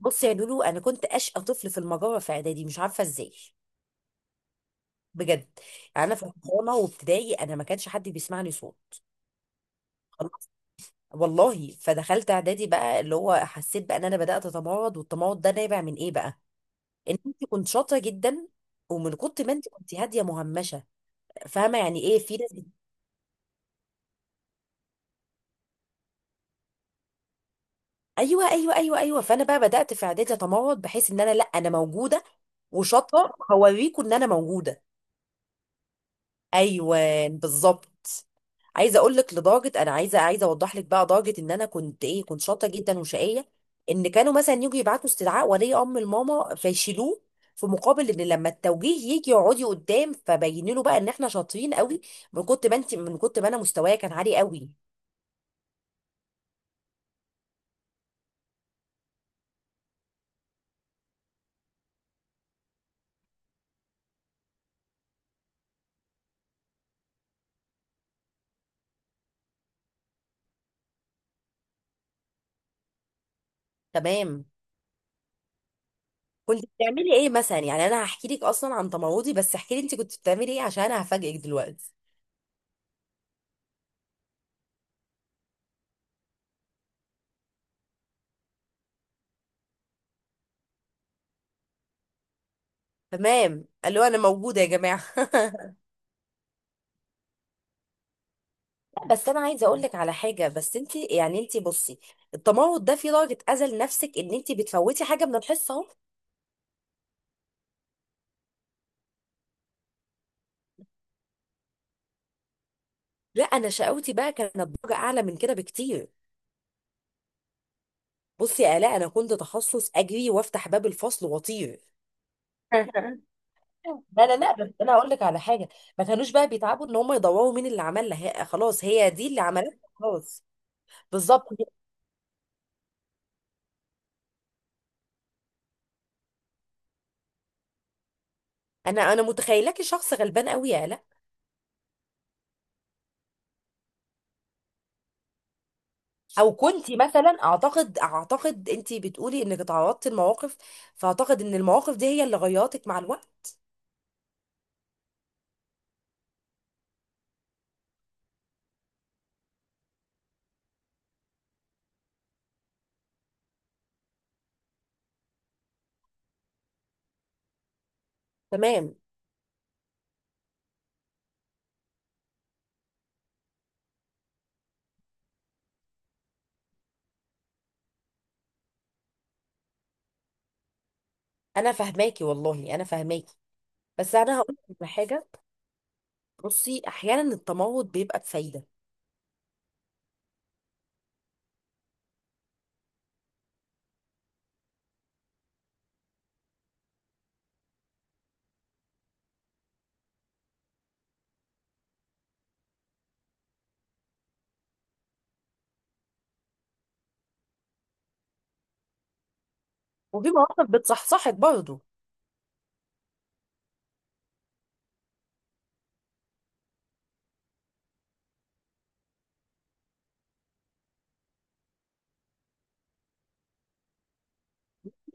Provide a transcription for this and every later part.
بص يا لولو، انا كنت اشقى طفل في المجره في اعدادي، مش عارفه ازاي، بجد. يعني انا في الحضانه وابتدائي انا ما كانش حد بيسمعني صوت. خلاص، والله. فدخلت اعدادي بقى اللي هو حسيت بقى ان انا بدات اتمرد، والتمرد ده نابع من ايه بقى؟ ان انت كنت شاطره جدا، ومن كنت ما انت كنت هاديه مهمشه. فاهمه يعني ايه؟ في ناس ايوه ايوه ايوه ايوه، فانا بقى بدات في اعدادي اتمرد بحيث ان انا، لا انا موجوده وشاطره، هوريكم ان انا موجوده. ايوه، بالظبط. عايزه اقول لك لدرجه انا عايزه اوضح لك بقى درجه ان انا كنت ايه، كنت شاطره جدا وشقيه. ان كانوا مثلا يجوا يبعتوا استدعاء ولي امر الماما فيشيلوه، في مقابل ان لما التوجيه يجي يقعدي قدام فبين له بقى ان احنا شاطرين قوي. من كنت ما انت، من كنت ما انا مستوايا كان عالي قوي. تمام. كنت بتعملي ايه مثلا؟ يعني انا هحكي لك اصلا عن تمردي، بس احكي لي انت كنت بتعملي ايه عشان انا هفاجئك دلوقتي. تمام، قالوا انا موجوده يا جماعه بس انا عايزه اقول لك على حاجه، بس انت يعني انت بصي، التمرد ده في درجه اذى لنفسك ان انت بتفوتي حاجه من الحصه اهو. لا، انا شقاوتي بقى كانت درجه اعلى من كده بكتير. بصي يا الاء، انا كنت تخصص اجري وافتح باب الفصل واطير لا، بس انا هقول لك على حاجه. ما كانوش بقى بيتعبوا ان هم يدوروا مين اللي عملها، هي خلاص هي دي اللي عملتها، خلاص. بالظبط. انا متخيلاكي شخص غلبان قوي يا الاء. او كنتي مثلا، اعتقد انتي بتقولي انك تعرضتي لمواقف، فاعتقد ان المواقف دي هي اللي غيرتك مع الوقت. تمام. انا فاهماكي والله، انا فاهماكي. بس انا هقول لك على حاجه. بصي، احيانا التمرد بيبقى بفايده. وفي مواقف بتصحصحك برضه.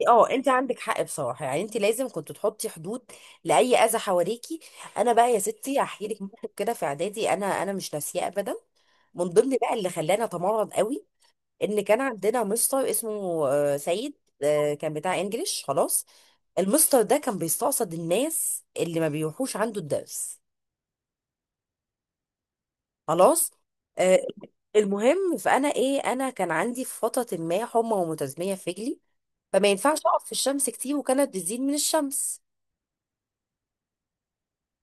اه، انت عندك حق بصراحه، يعني انت لازم كنت تحطي حدود لاي اذى حواليكي. انا بقى يا ستي هحكي لك موقف كده في اعدادي، انا مش ناسياه ابدا. من ضمن بقى اللي خلاني اتمرد قوي، ان كان عندنا مستر اسمه سيد. كان بتاع انجليش، خلاص. المستر ده كان بيستقصد الناس اللي ما بيروحوش عنده الدرس، خلاص. آه، المهم، فانا ايه، انا كان عندي في فتره ما حمى ومتزميه في رجلي. فما ينفعش اقف في الشمس كتير، وكانت بتزيد من الشمس.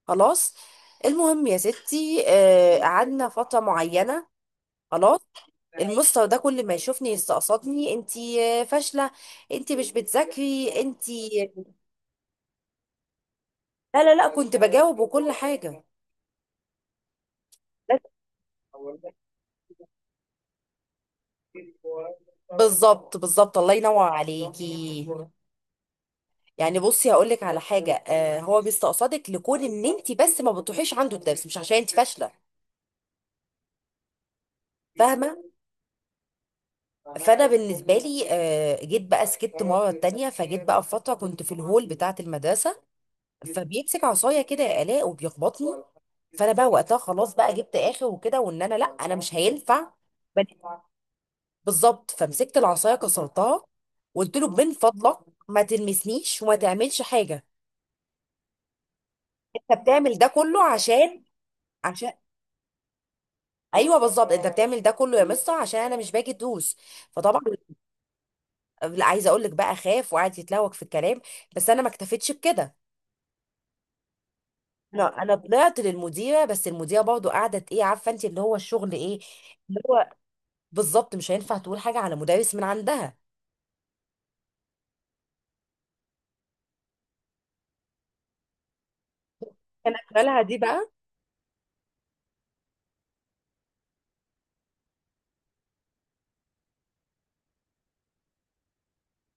خلاص. المهم يا ستي، قعدنا فتره معينه، خلاص. المستر ده كل ما يشوفني يستقصدني، انتي فاشله، انتي مش بتذاكري انتي. لا لا لا، كنت بجاوب وكل حاجة، بس. بالظبط، بالظبط، الله ينور عليكي. يعني بصي هقول لك على حاجة، آه، هو بيستقصدك لكون ان انت بس ما بتروحيش عنده الدرس، مش عشان انت فاشلة. فاهمة. فانا بالنسبة لي، آه، جيت بقى سكت مرة تانية، فجيت بقى في فترة كنت في الهول بتاعة المدرسة. فبيمسك عصاية كده يا آلاء وبيخبطني. فانا بقى وقتها خلاص بقى جبت اخر وكده، وان انا لا انا مش هينفع. بالظبط. فمسكت العصايه كسرتها. وقلت له من فضلك ما تلمسنيش وما تعملش حاجه. انت بتعمل ده كله عشان، عشان. ايوه، بالظبط، انت بتعمل ده كله يا مستر عشان انا مش باجي ادوس. فطبعا، لا، عايزه اقول لك بقى، خاف وقعد يتلوك في الكلام. بس انا ما اكتفيتش بكده. انا طلعت للمديره، بس المديره برضو قعدت ايه عارفه انت اللي هو الشغل ايه، اللي هو، بالظبط مش هينفع تقول حاجه على مدرس من عندها. كان اخرها دي بقى.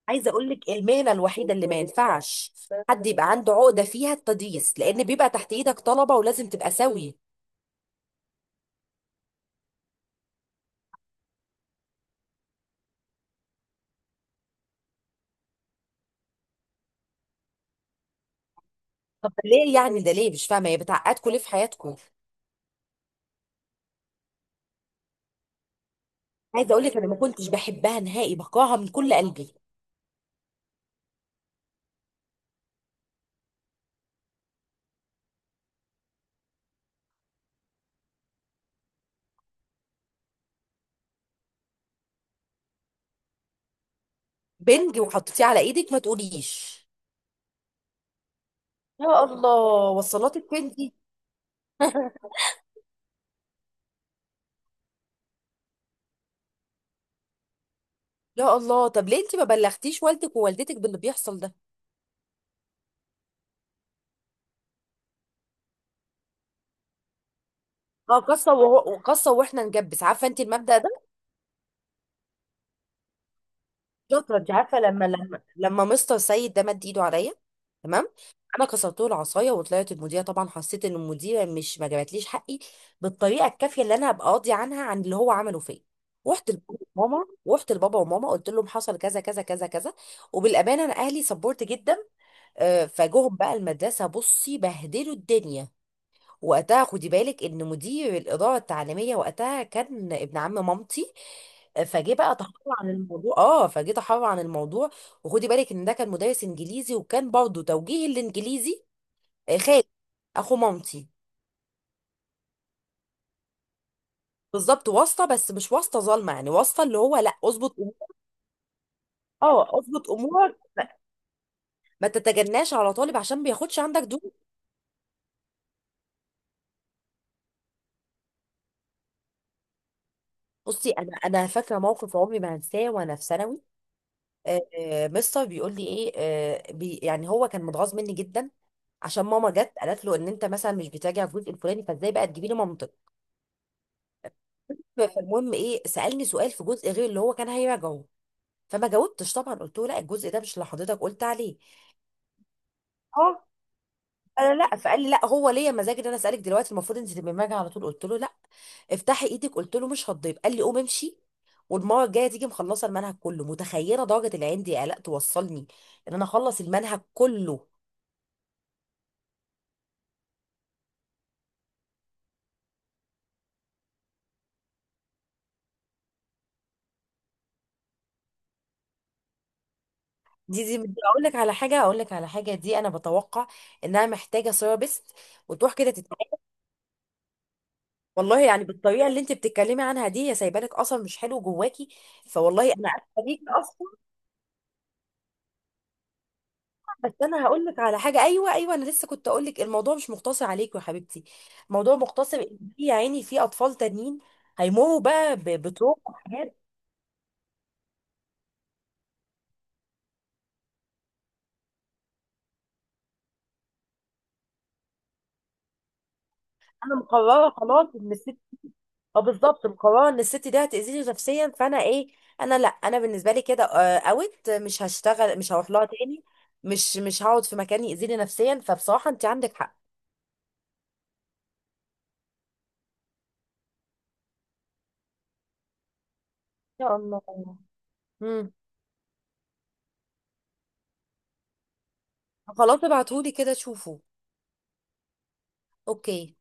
عايزه اقول لك، المهنه الوحيده اللي ما ينفعش حد يبقى عنده عقده فيها التدريس، لان بيبقى تحت ايدك طلبه ولازم تبقى سوي. طب ده ليه يعني، ده ليه مش فاهمه، هي بتعقدكم ليه في حياتكم؟ عايزه اقول لك انا ما كنتش بحبها نهائي، بكرهها من كل قلبي. بنج وحطيتيه على ايدك، ما تقوليش. يا الله، وصلاتك فين دي. يا الله، طب ليه انت ما بلغتيش والدك ووالدتك باللي بيحصل ده؟ اه، قصه وهو قصه واحنا نجبس، عارفه انت المبدأ ده. شاطره. انت عارفه، لما مستر سيد ده مد ايده عليا، تمام، انا كسرت له العصايه وطلعت المذيعه. طبعا حسيت ان المذيعه مش ما جابتليش حقي بالطريقه الكافيه اللي انا هبقى قاضي عنها عن اللي هو عمله فيا. رحت لبابا وماما، رحت لبابا وماما قلت لهم حصل كذا كذا كذا كذا. وبالامانه انا اهلي سبورت جدا. فجوهم بقى المدرسه، بصي، بهدلوا الدنيا. وقتها خدي بالك ان مدير الاداره التعليميه وقتها كان ابن عم مامتي. فجه بقى تحرر عن الموضوع، اه، فجه تحرر عن الموضوع. وخدي بالك ان ده كان مدرس انجليزي وكان برضه توجيه الانجليزي. خالد، اخو مامتي. بالظبط، واسطه، بس مش واسطه ظالمه، يعني واسطه اللي هو لا اظبط امورك. اه، اظبط امورك، ما تتجناش على طالب عشان بياخدش عندك دور. بصي، انا فاكره موقف عمري ما هنساه وانا في ثانوي. مستر بيقول لي ايه، بي، يعني هو كان متغاظ مني جدا عشان ماما جت قالت له ان انت مثلا مش بتراجع الجزء الفلاني، فازاي بقى تجيبي لي منطق. فالمهم ايه، سالني سؤال في جزء غير اللي هو كان هيراجعه. فما جاوبتش طبعا، قلت له لا الجزء ده مش اللي حضرتك قلت عليه. اه. قال لا، فقال لي لا، هو ليا مزاج ان انا اسالك دلوقتي، المفروض انت تبقي راجعه على طول. قلت له لا. افتحي ايدك، قلت له مش هتضيب. قال لي قوم امشي، والمره الجايه تيجي مخلصه المنهج كله. متخيله درجه العين دي قلق توصلني ان انا اخلص المنهج كله. دي بدي اقول لك على حاجه، اقول لك على حاجه، دي انا بتوقع انها محتاجه ثيرابيست وتروح كده تتعالج. والله يعني بالطريقه اللي انت بتتكلمي عنها دي، يا سايبه لك اثر مش حلو جواكي. فوالله انا عارفه بيك اصلا. بس انا هقول لك على حاجه، ايوه ايوه، انا لسه كنت اقول لك الموضوع مش مقتصر عليك يا حبيبتي، الموضوع مقتصر ان في، يا عيني، في اطفال تانيين هيمروا بقى بتروح وحاجات. انا مقرره خلاص ان، اه بالظبط، مقرره ان الست دي هتاذيني نفسيا. فانا ايه، انا لا انا بالنسبه لي كده اوت، مش هشتغل، مش هروح لها تاني. مش مش هقعد في مكان ياذيني نفسيا، فبصراحه انت عندك حق. يا الله. امم. خلاص، ابعتهولي كده شوفوا. اوكي.